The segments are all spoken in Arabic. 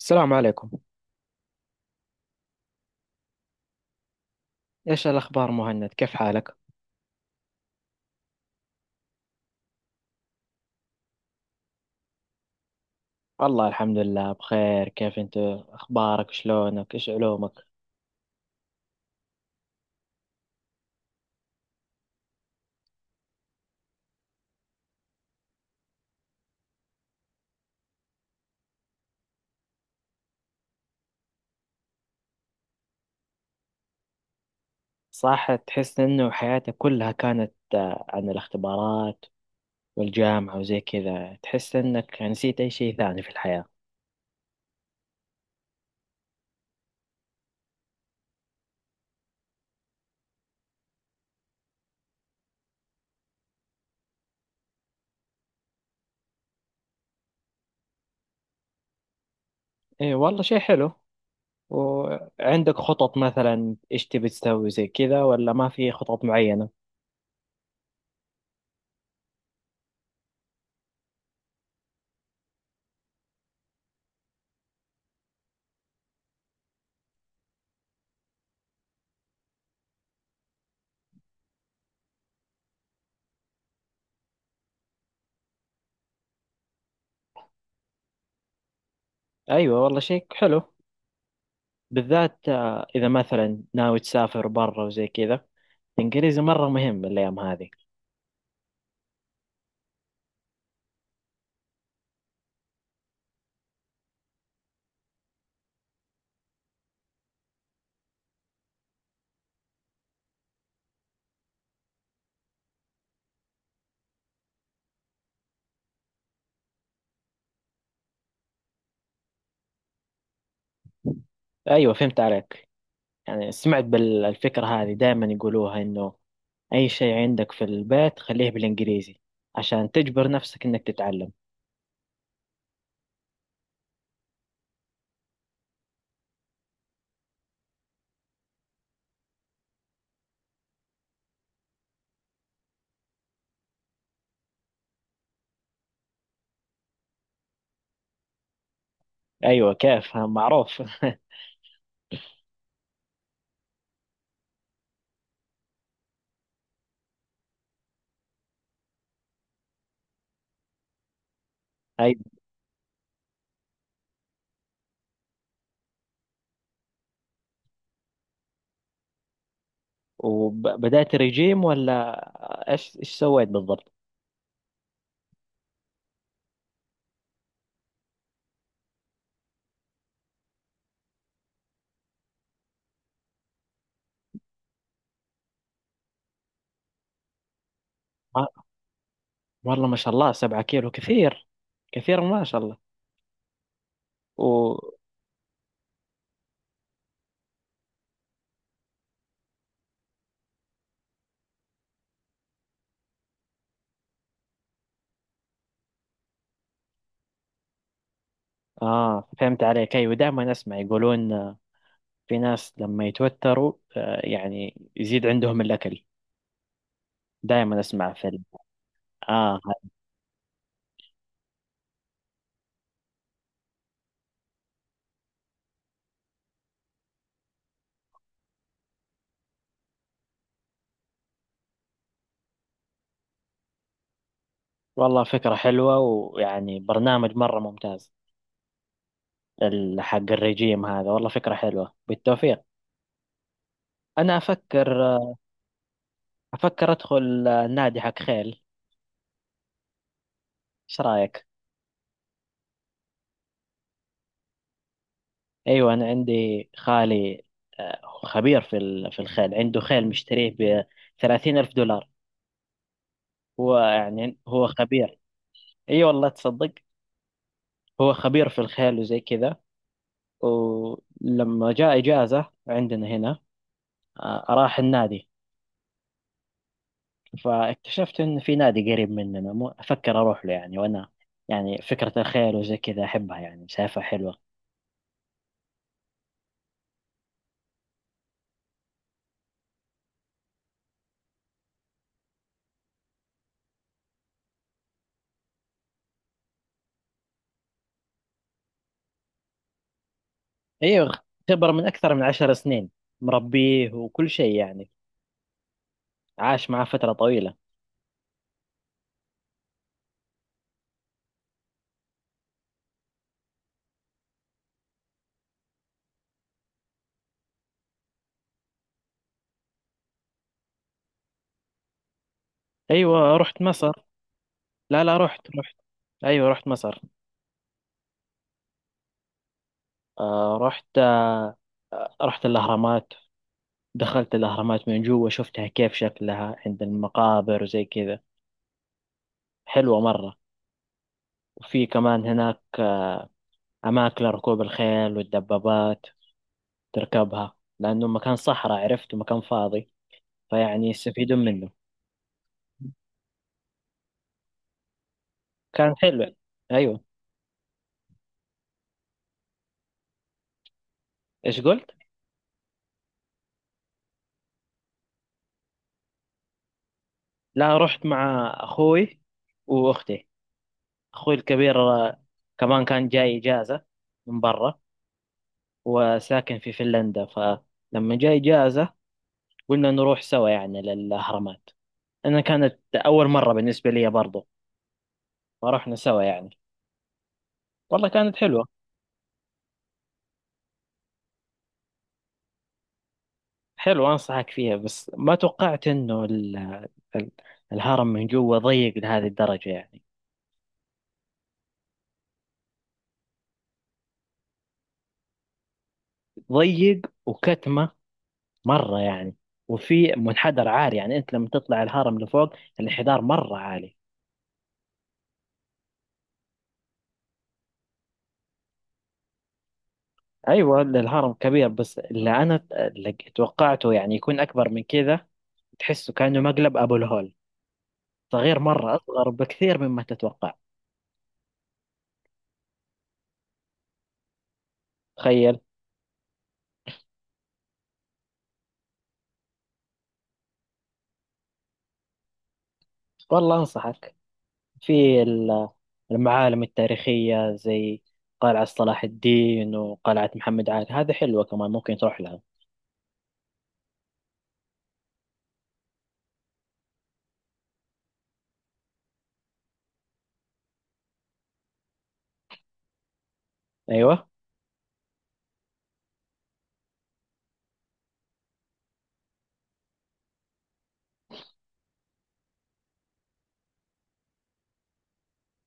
السلام عليكم. ايش الاخبار مهند؟ كيف حالك؟ والله الحمد لله بخير. كيف انت؟ اخبارك، شلونك، ايش علومك؟ صح، تحس انه حياتك كلها كانت عن الاختبارات والجامعة وزي كذا. تحس انك يعني نسيت اي شيء ثاني في الحياة. ايه والله، شيء حلو. وعندك خطط مثلا؟ ايش تبي تسوي زي كذا ولا ما في خطط معينة؟ ايوه والله، شيء حلو، بالذات اذا مثلا ناوي تسافر برا وزي كذا. الانجليزي مرة مهم الايام هذه. ايوه، فهمت عليك. يعني سمعت بالفكره هذه، دائما يقولوها انه اي شيء عندك في البيت خليه بالانجليزي عشان تجبر نفسك انك تتعلم. ايوه. كيف؟ ها، معروف. ايوه. وبدأت رجيم، ولا ايش سويت بالضبط؟ آه، والله ما شاء الله، 7 كيلو كثير. كثير، ما شاء الله. و اه فهمت عليك. ايوه، دائما اسمع يقولون في ناس لما يتوتروا يعني يزيد عندهم الاكل. دائما اسمع في اه والله فكرة حلوة، ويعني برنامج مرة ممتاز. حق الرجيم هذا، والله فكرة حلوة، بالتوفيق. أنا أفكر أدخل نادي حق خيل. إيش رأيك؟ أيوة، أنا عندي خالي خبير في الخيل، عنده خيل مشتريه ب 30 ألف دولار. هو يعني هو خبير. أي والله، تصدق، هو خبير في الخيل وزي كذا. ولما جاء إجازة عندنا هنا راح النادي. فاكتشفت إن في نادي قريب مننا، مو أفكر أروح له يعني. وأنا يعني فكرة الخيل وزي كذا أحبها، يعني شايفها حلوة. أيوة، خبرة من أكثر من 10 سنين. مربيه وكل شيء يعني، عاش معاه فترة طويلة. أيوة، رحت مصر. لا لا، رحت. أيوة، رحت مصر. آه رحت آه، رحت الأهرامات. دخلت الأهرامات من جوا، شفتها كيف شكلها عند المقابر وزي كذا، حلوة مرة. وفي كمان هناك أماكن لركوب الخيل والدبابات تركبها، لأنه مكان صحراء عرفت، ومكان فاضي فيعني يستفيدون منه. كان حلو. أيوه. إيش قلت؟ لا، رحت مع أخوي وأختي. أخوي الكبير كمان كان جاي إجازة من برا، وساكن في فنلندا، فلما جاي إجازة قلنا نروح سوا يعني للأهرامات. أنا كانت أول مرة بالنسبة لي برضو، فرحنا سوا يعني. والله كانت حلوة. حلو، أنصحك فيها. بس ما توقعت إنه ال- الهرم من جوا ضيق لهذه الدرجة يعني. ضيق وكتمة مرة يعني. وفي منحدر عالي، يعني أنت لما تطلع الهرم لفوق الانحدار مرة عالي. أيوة، الهرم كبير، بس اللي أنا اللي توقعته يعني يكون أكبر من كذا. تحسه كأنه مقلب. أبو الهول صغير مرة، أصغر بكثير مما تتوقع. تخيل. والله أنصحك في المعالم التاريخية، زي قلعة صلاح الدين وقلعة محمد علي، هذا حلوة كمان ممكن تروح لها. أيوة.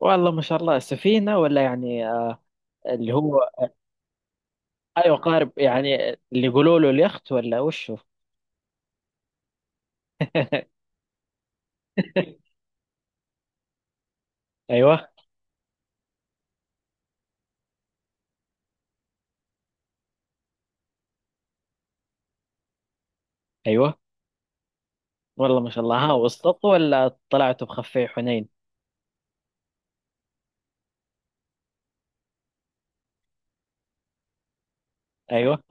والله ما شاء الله، سفينة ولا يعني اللي هو؟ أيوة، قارب يعني اللي يقولوا له اليخت ولا وشو؟ أيوة، أيوة. والله ما شاء الله، ها، وسطت ولا طلعتوا بخفي حنين؟ أيوة.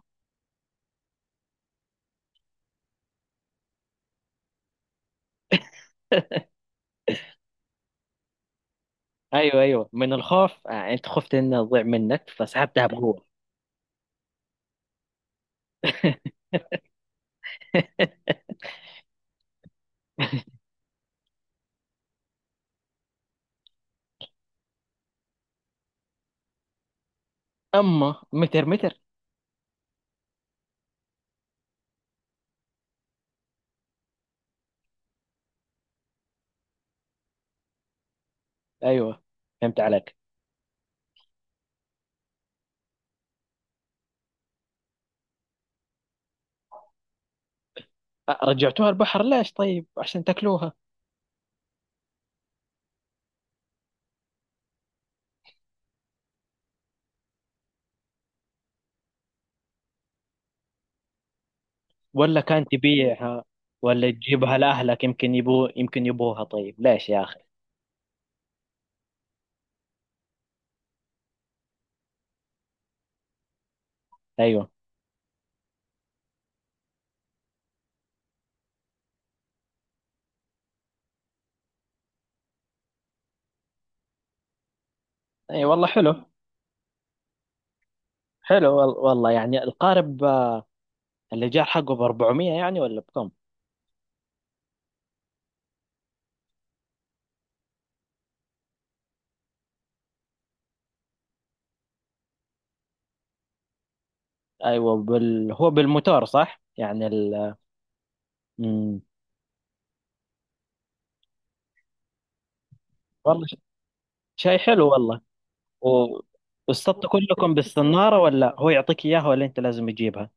أيوة، أيوة، من الخوف أنت خفت إنها تضيع منك فسحبتها بقوة. أما متر، متر. أيوة، فهمت عليك. رجعتوها البحر؟ ليش؟ طيب عشان تاكلوها، ولا كان تبيعها، ولا تجيبها لاهلك، يمكن يبوها طيب؟ ليش يا اخي؟ ايوه. اي والله، حلو. حلو، والله يعني القارب اللي جاء حقه ب 400 يعني، ولا بكم؟ ايوه، هو بالموتور، صح يعني مم. والله شيء حلو والله. و... واصطدت كلكم بالصنارة، ولا هو يعطيك اياها، ولا انت لازم تجيبها؟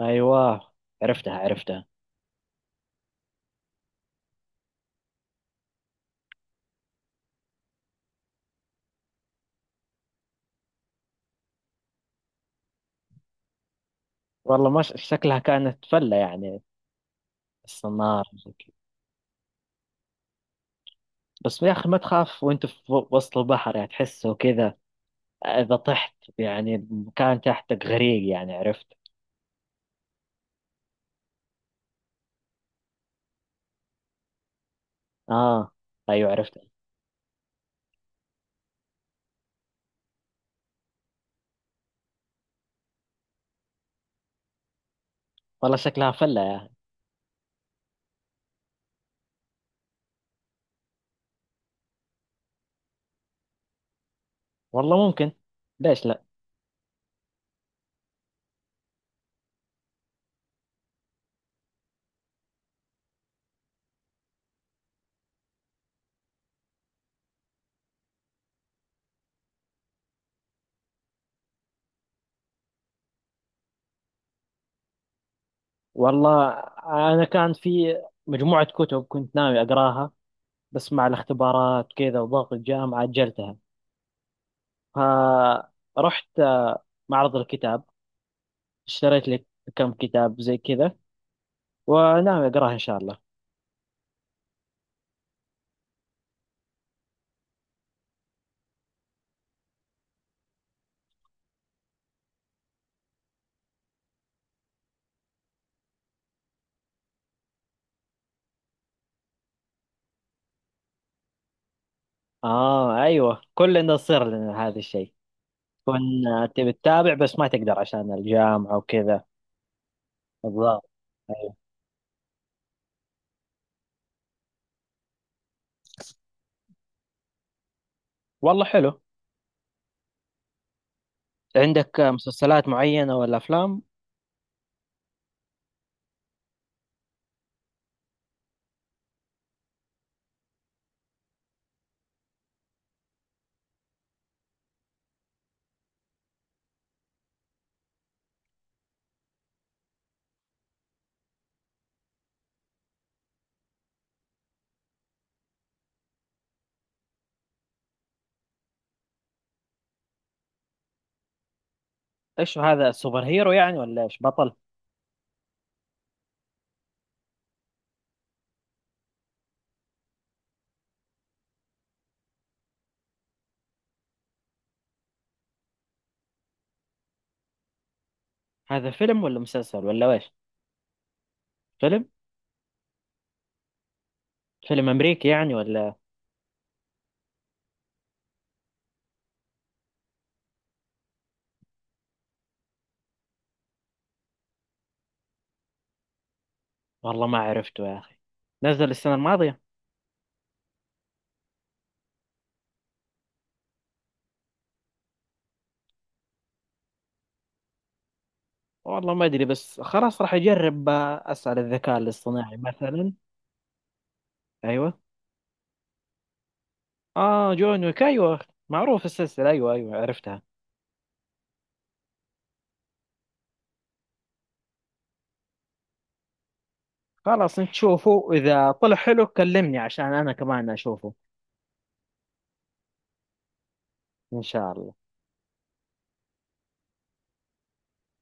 ايوه، عرفتها. والله ما ش- شكلها كانت فلة يعني. السنارة زي كده. بس يا أخي، ما تخاف وأنت في وسط البحر؟ يعني تحسه كذا إذا طحت، يعني المكان تحتك غريق يعني، عرفت. آه أيوة، عرفت. والله شكلها فلة يا أخي. والله ممكن، ليش لا. والله، أنا كان في مجموعة كتب كنت ناوي أقراها، بس مع الاختبارات كذا وضغط الجامعة أجلتها. فرحت معرض الكتاب، اشتريت لي كم كتاب زي كذا، وناوي أقراها إن شاء الله. اه ايوه، كلنا يصير لنا هذا الشيء. كنا تبي تتابع بس ما تقدر عشان الجامعة وكذا، الظاهر. ايوه، والله حلو. عندك مسلسلات معينة ولا افلام؟ ايش هذا، سوبر هيرو يعني ولا ايش، بطل؟ هذا فيلم ولا مسلسل ولا ايش؟ فيلم، فيلم امريكي يعني ولا؟ والله ما عرفته يا اخي. نزل السنة الماضية؟ والله ما ادري، بس خلاص راح اجرب اسأل الذكاء الاصطناعي مثلا. ايوه. اه جون ويك، ايوه. معروف السلسلة، ايوه، ايوه، عرفتها. خلاص نشوفه، إذا طلع حلو كلمني عشان أنا كمان أشوفه. إن شاء الله.